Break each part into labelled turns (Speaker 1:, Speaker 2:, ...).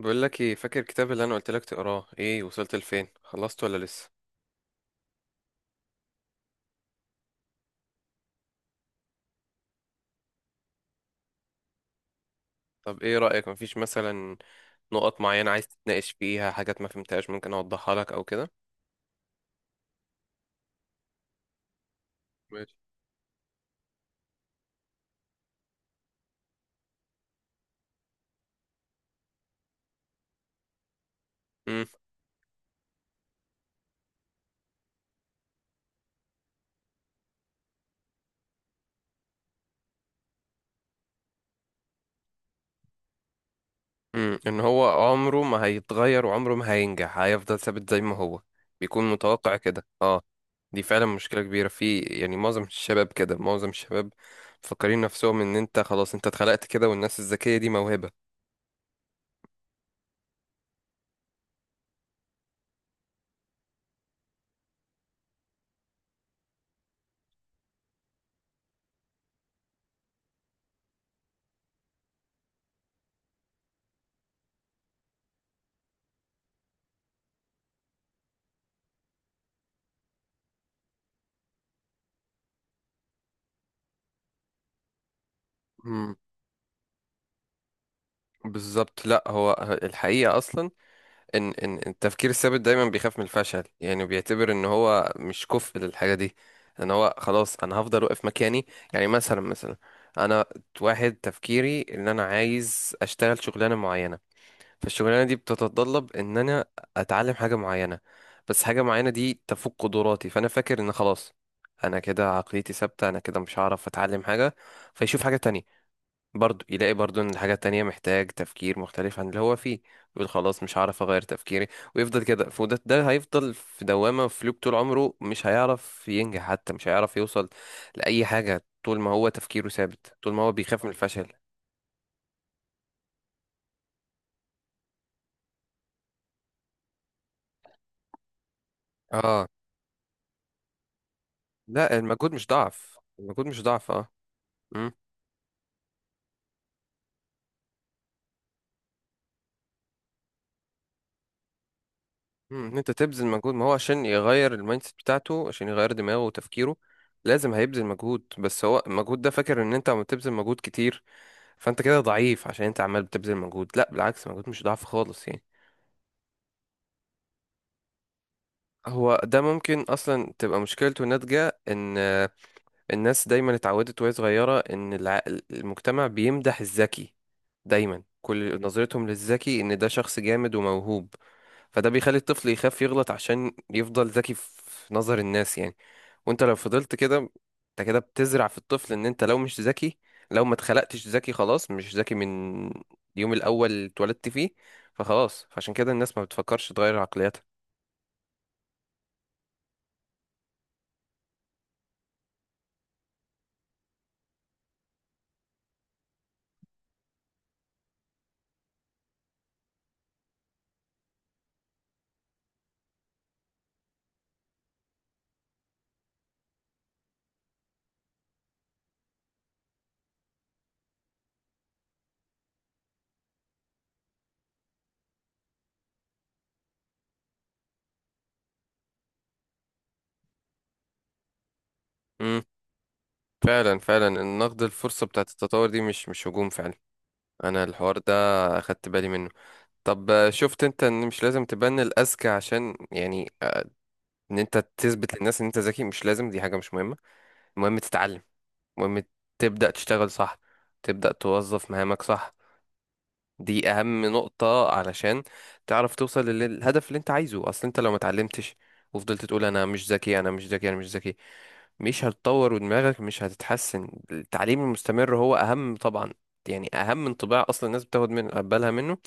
Speaker 1: بقول لك ايه؟ فاكر الكتاب اللي انا قلت لك تقراه؟ ايه وصلت لفين؟ خلصت ولا لسه؟ طب ايه رأيك؟ مفيش مثلا نقط معينة عايز تتناقش فيها، حاجات ما فهمتهاش ممكن اوضحها لك او كده؟ ماشي. امم امم، ان هو عمره ما هيتغير وعمره ما هينجح، هيفضل ثابت زي ما هو بيكون متوقع كده، اه. دي فعلا مشكلة كبيرة في يعني معظم الشباب كده، معظم الشباب مفكرين نفسهم ان انت خلاص انت اتخلقت كده، والناس الذكية دي موهبة. مم. بالظبط، لا هو الحقيقة أصلا ان التفكير الثابت دايما بيخاف من الفشل، يعني بيعتبر ان هو مش كفء للحاجه دي، ان هو خلاص انا هفضل واقف مكاني. يعني مثلا انا واحد تفكيري ان انا عايز اشتغل شغلانه معينه، فالشغلانه دي بتتطلب ان انا اتعلم حاجه معينه، بس حاجه معينه دي تفوق قدراتي، فانا فاكر ان خلاص انا كده عقليتي ثابته، انا كده مش هعرف اتعلم حاجه. فيشوف حاجه تانية، برضو يلاقي برضو ان الحاجة التانية محتاج تفكير مختلف عن اللي هو فيه، يقول خلاص مش هعرف اغير تفكيري، ويفضل كده. فده هيفضل في دوامة، في لوب، طول عمره مش هيعرف ينجح، حتى مش هيعرف يوصل لأي حاجة طول ما هو تفكيره ثابت، طول ما هو بيخاف من الفشل. اه، لا المجهود مش ضعف، المجهود مش ضعف اه. امم، ان انت تبذل مجهود، ما هو عشان يغير المايند سيت بتاعته، عشان يغير دماغه وتفكيره لازم هيبذل مجهود. بس هو المجهود ده فاكر ان انت عم تبذل مجهود كتير فانت كده ضعيف، عشان انت عمال بتبذل مجهود. لا بالعكس، مجهود مش ضعف خالص يعني. هو ده ممكن اصلا تبقى مشكلته ناتجة ان الناس دايما اتعودت وهي صغيرة ان المجتمع بيمدح الذكي، دايما كل نظرتهم للذكي ان ده شخص جامد وموهوب، فده بيخلي الطفل يخاف يغلط عشان يفضل ذكي في نظر الناس يعني. وانت لو فضلت كده انت كده بتزرع في الطفل ان انت لو مش ذكي، لو ما اتخلقتش ذكي خلاص مش ذكي من اليوم الاول اللي اتولدت فيه، فخلاص عشان كده الناس ما بتفكرش تغير عقليتها. امم، فعلا فعلا النقد الفرصة بتاعت التطور دي مش هجوم فعلا. انا الحوار ده اخدت بالي منه. طب شفت انت ان مش لازم تبان الاذكى عشان يعني ان انت تثبت للناس ان انت ذكي؟ مش لازم، دي حاجة مش مهمة. المهم تتعلم، المهم تبدأ تشتغل صح، تبدأ توظف مهامك صح. دي أهم نقطة علشان تعرف توصل للهدف اللي أنت عايزه. أصل أنت لو ما اتعلمتش وفضلت تقول أنا مش ذكي أنا مش ذكي أنا مش ذكي، مش هتطور ودماغك مش هتتحسن. التعليم المستمر هو أهم طبعا، يعني أهم انطباع أصلا الناس بتاخد من بالها منه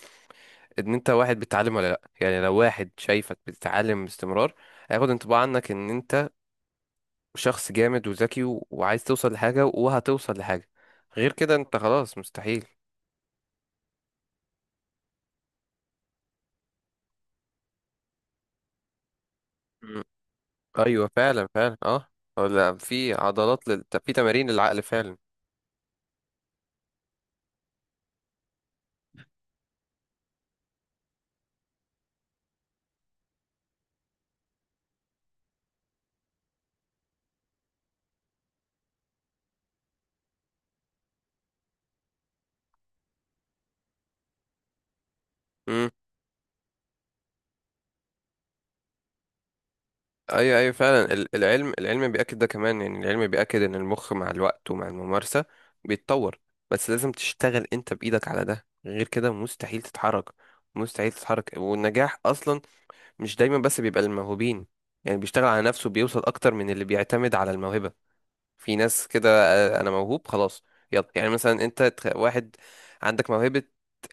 Speaker 1: إن أنت واحد بتتعلم ولا لأ. يعني لو واحد شايفك بتتعلم باستمرار هياخد انطباع عنك إن أنت شخص جامد وذكي وعايز توصل لحاجة وهتوصل لحاجة. غير كده انت خلاص مستحيل. مم. ايوه فعلا فعلا اه. ولا في عضلات في تمارين للعقل فعلا. مم. ايوه ايوه فعلا، العلم العلم بيأكد ده كمان يعني، العلم بيأكد ان المخ مع الوقت ومع الممارسة بيتطور، بس لازم تشتغل انت بإيدك على ده، غير كده مستحيل تتحرك، مستحيل تتحرك. والنجاح اصلا مش دايما بس بيبقى للموهوبين يعني، بيشتغل على نفسه بيوصل اكتر من اللي بيعتمد على الموهبة. في ناس كده انا موهوب خلاص. يلا يعني مثلا انت واحد عندك موهبة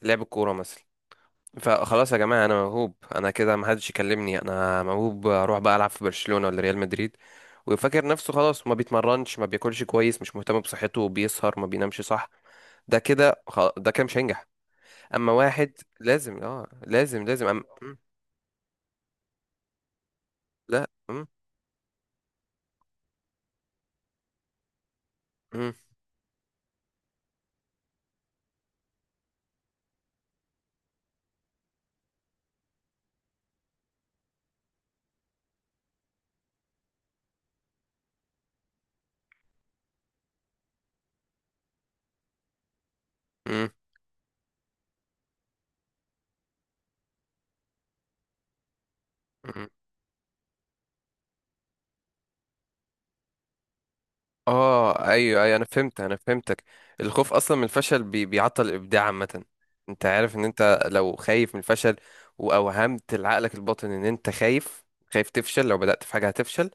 Speaker 1: لعب الكورة مثلا، فخلاص يا جماعة انا موهوب، انا كده محدش يكلمني، انا موهوب اروح بقى العب في برشلونة ولا ريال مدريد. ويفكر نفسه خلاص، ما بيتمرنش، ما بياكلش كويس، مش مهتم بصحته، بيسهر، ما بينامش صح. ده كده ده كده مش هينجح. اما واحد لازم اه، لازم لا أم... أم... أم... اه ايوه ايوه انا فهمت، انا فهمتك. الخوف اصلا من الفشل بيعطل الابداع عامه. انت عارف ان انت لو خايف من الفشل واوهمت لعقلك الباطن ان انت خايف، خايف تفشل، لو بدأت في حاجه هتفشل،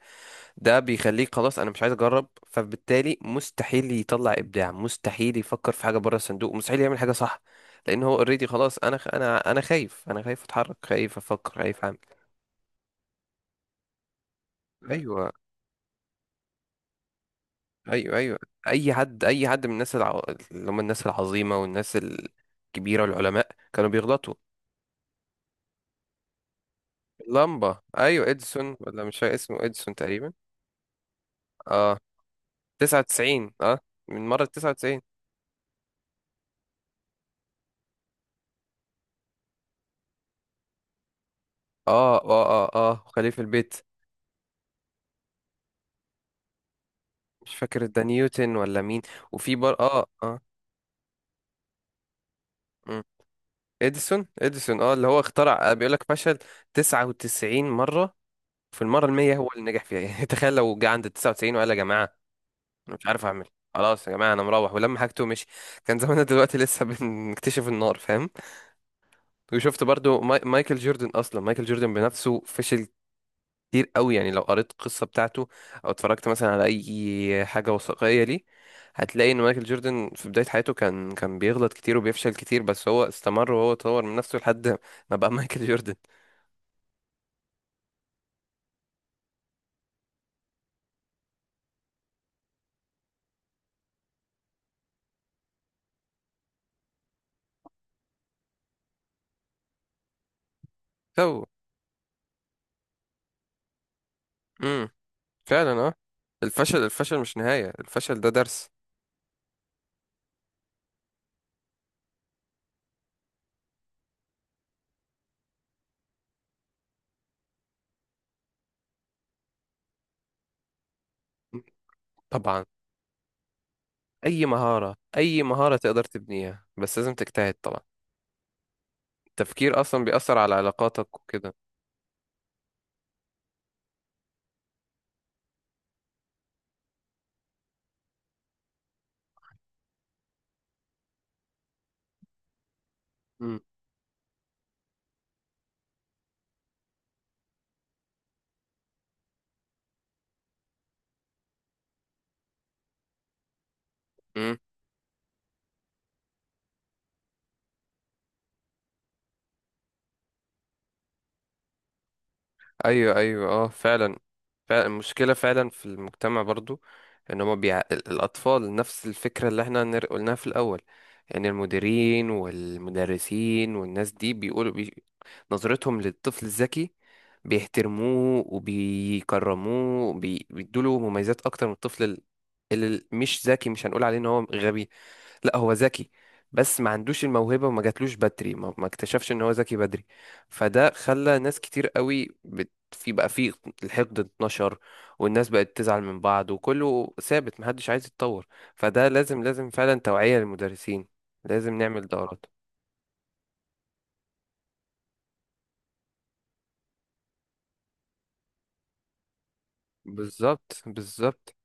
Speaker 1: ده بيخليك خلاص انا مش عايز اجرب، فبالتالي مستحيل يطلع ابداع، مستحيل يفكر في حاجه بره الصندوق، مستحيل يعمل حاجه صح، لان هو اوريدي خلاص انا انا خايف، انا خايف اتحرك، خايف افكر، خايف اعمل. ايوه ايوه ايوه، اي حد، اي حد من الناس اللي هم الناس العظيمه والناس الكبيره والعلماء كانوا بيغلطوا. اللمبه، ايوه اديسون، ولا مش فاكر اسمه، اديسون تقريبا. اه 99 اه، من مره 99. اه اه اه اه، خليفه البيت. مش فاكر ده نيوتن ولا مين، وفي بر اه اه. مم. اديسون اديسون اه، اللي هو اخترع، بيقول لك فشل 99 مره، في المره 100 هو اللي نجح فيها يعني تخيل لو جه عند 99 وقال يا جماعه أنا مش عارف اعمل، خلاص يا جماعه انا مروح ولما حاجته ومشي، كان زماننا دلوقتي لسه بنكتشف النار، فاهم؟ وشفت برضو مايكل جوردن، اصلا مايكل جوردن بنفسه فشل كتير قوي يعني، لو قريت القصه بتاعته او اتفرجت مثلا على اي حاجه وثائقيه ليه، هتلاقي ان مايكل جوردن في بدايه حياته كان بيغلط كتير وبيفشل كتير، بس هو استمر وهو طور من نفسه لحد ما بقى مايكل جوردن. سو، امم، فعلا اه، الفشل، الفشل مش نهايه، الفشل ده درس. طبعا، اي مهارة، اي مهارة تقدر تبنيها، بس لازم تجتهد طبعا. التفكير اصلا بيأثر على علاقاتك وكده. مم. مم. ايوه ايوه اه، فعلا فعلا، المشكلة فعلا في المجتمع برضو، ان هما الاطفال نفس الفكرة اللي احنا قلناها في الاول. يعني المديرين والمدرسين والناس دي بيقولوا نظرتهم للطفل الذكي بيحترموه وبيكرموه بيدوله مميزات اكتر من الطفل اللي مش ذكي. مش هنقول عليه ان هو غبي، لا هو ذكي، بس ما عندوش الموهبة وما جاتلوش بدري، ما اكتشفش ان هو ذكي بدري. فده خلى ناس كتير قوي في بقى في الحقد اتنشر، والناس بقت تزعل من بعض، وكله ثابت محدش عايز يتطور. فده لازم، لازم فعلا توعية للمدرسين، لازم نعمل دورات. بالظبط.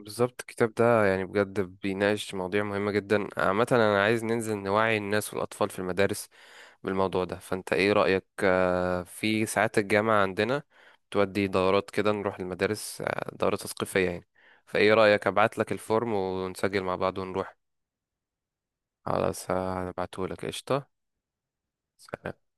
Speaker 1: بالظبط الكتاب ده يعني بجد بيناقش مواضيع مهمة جدا عامة. أنا عايز ننزل نوعي الناس والأطفال في المدارس بالموضوع ده، فانت ايه رأيك في ساعات الجامعة عندنا بتودي دورات كده، نروح المدارس دورة تثقيفية يعني؟ فايه رأيك، ابعت لك الفورم ونسجل مع بعض ونروح؟ خلاص هبعته لك، قشطة. سلام.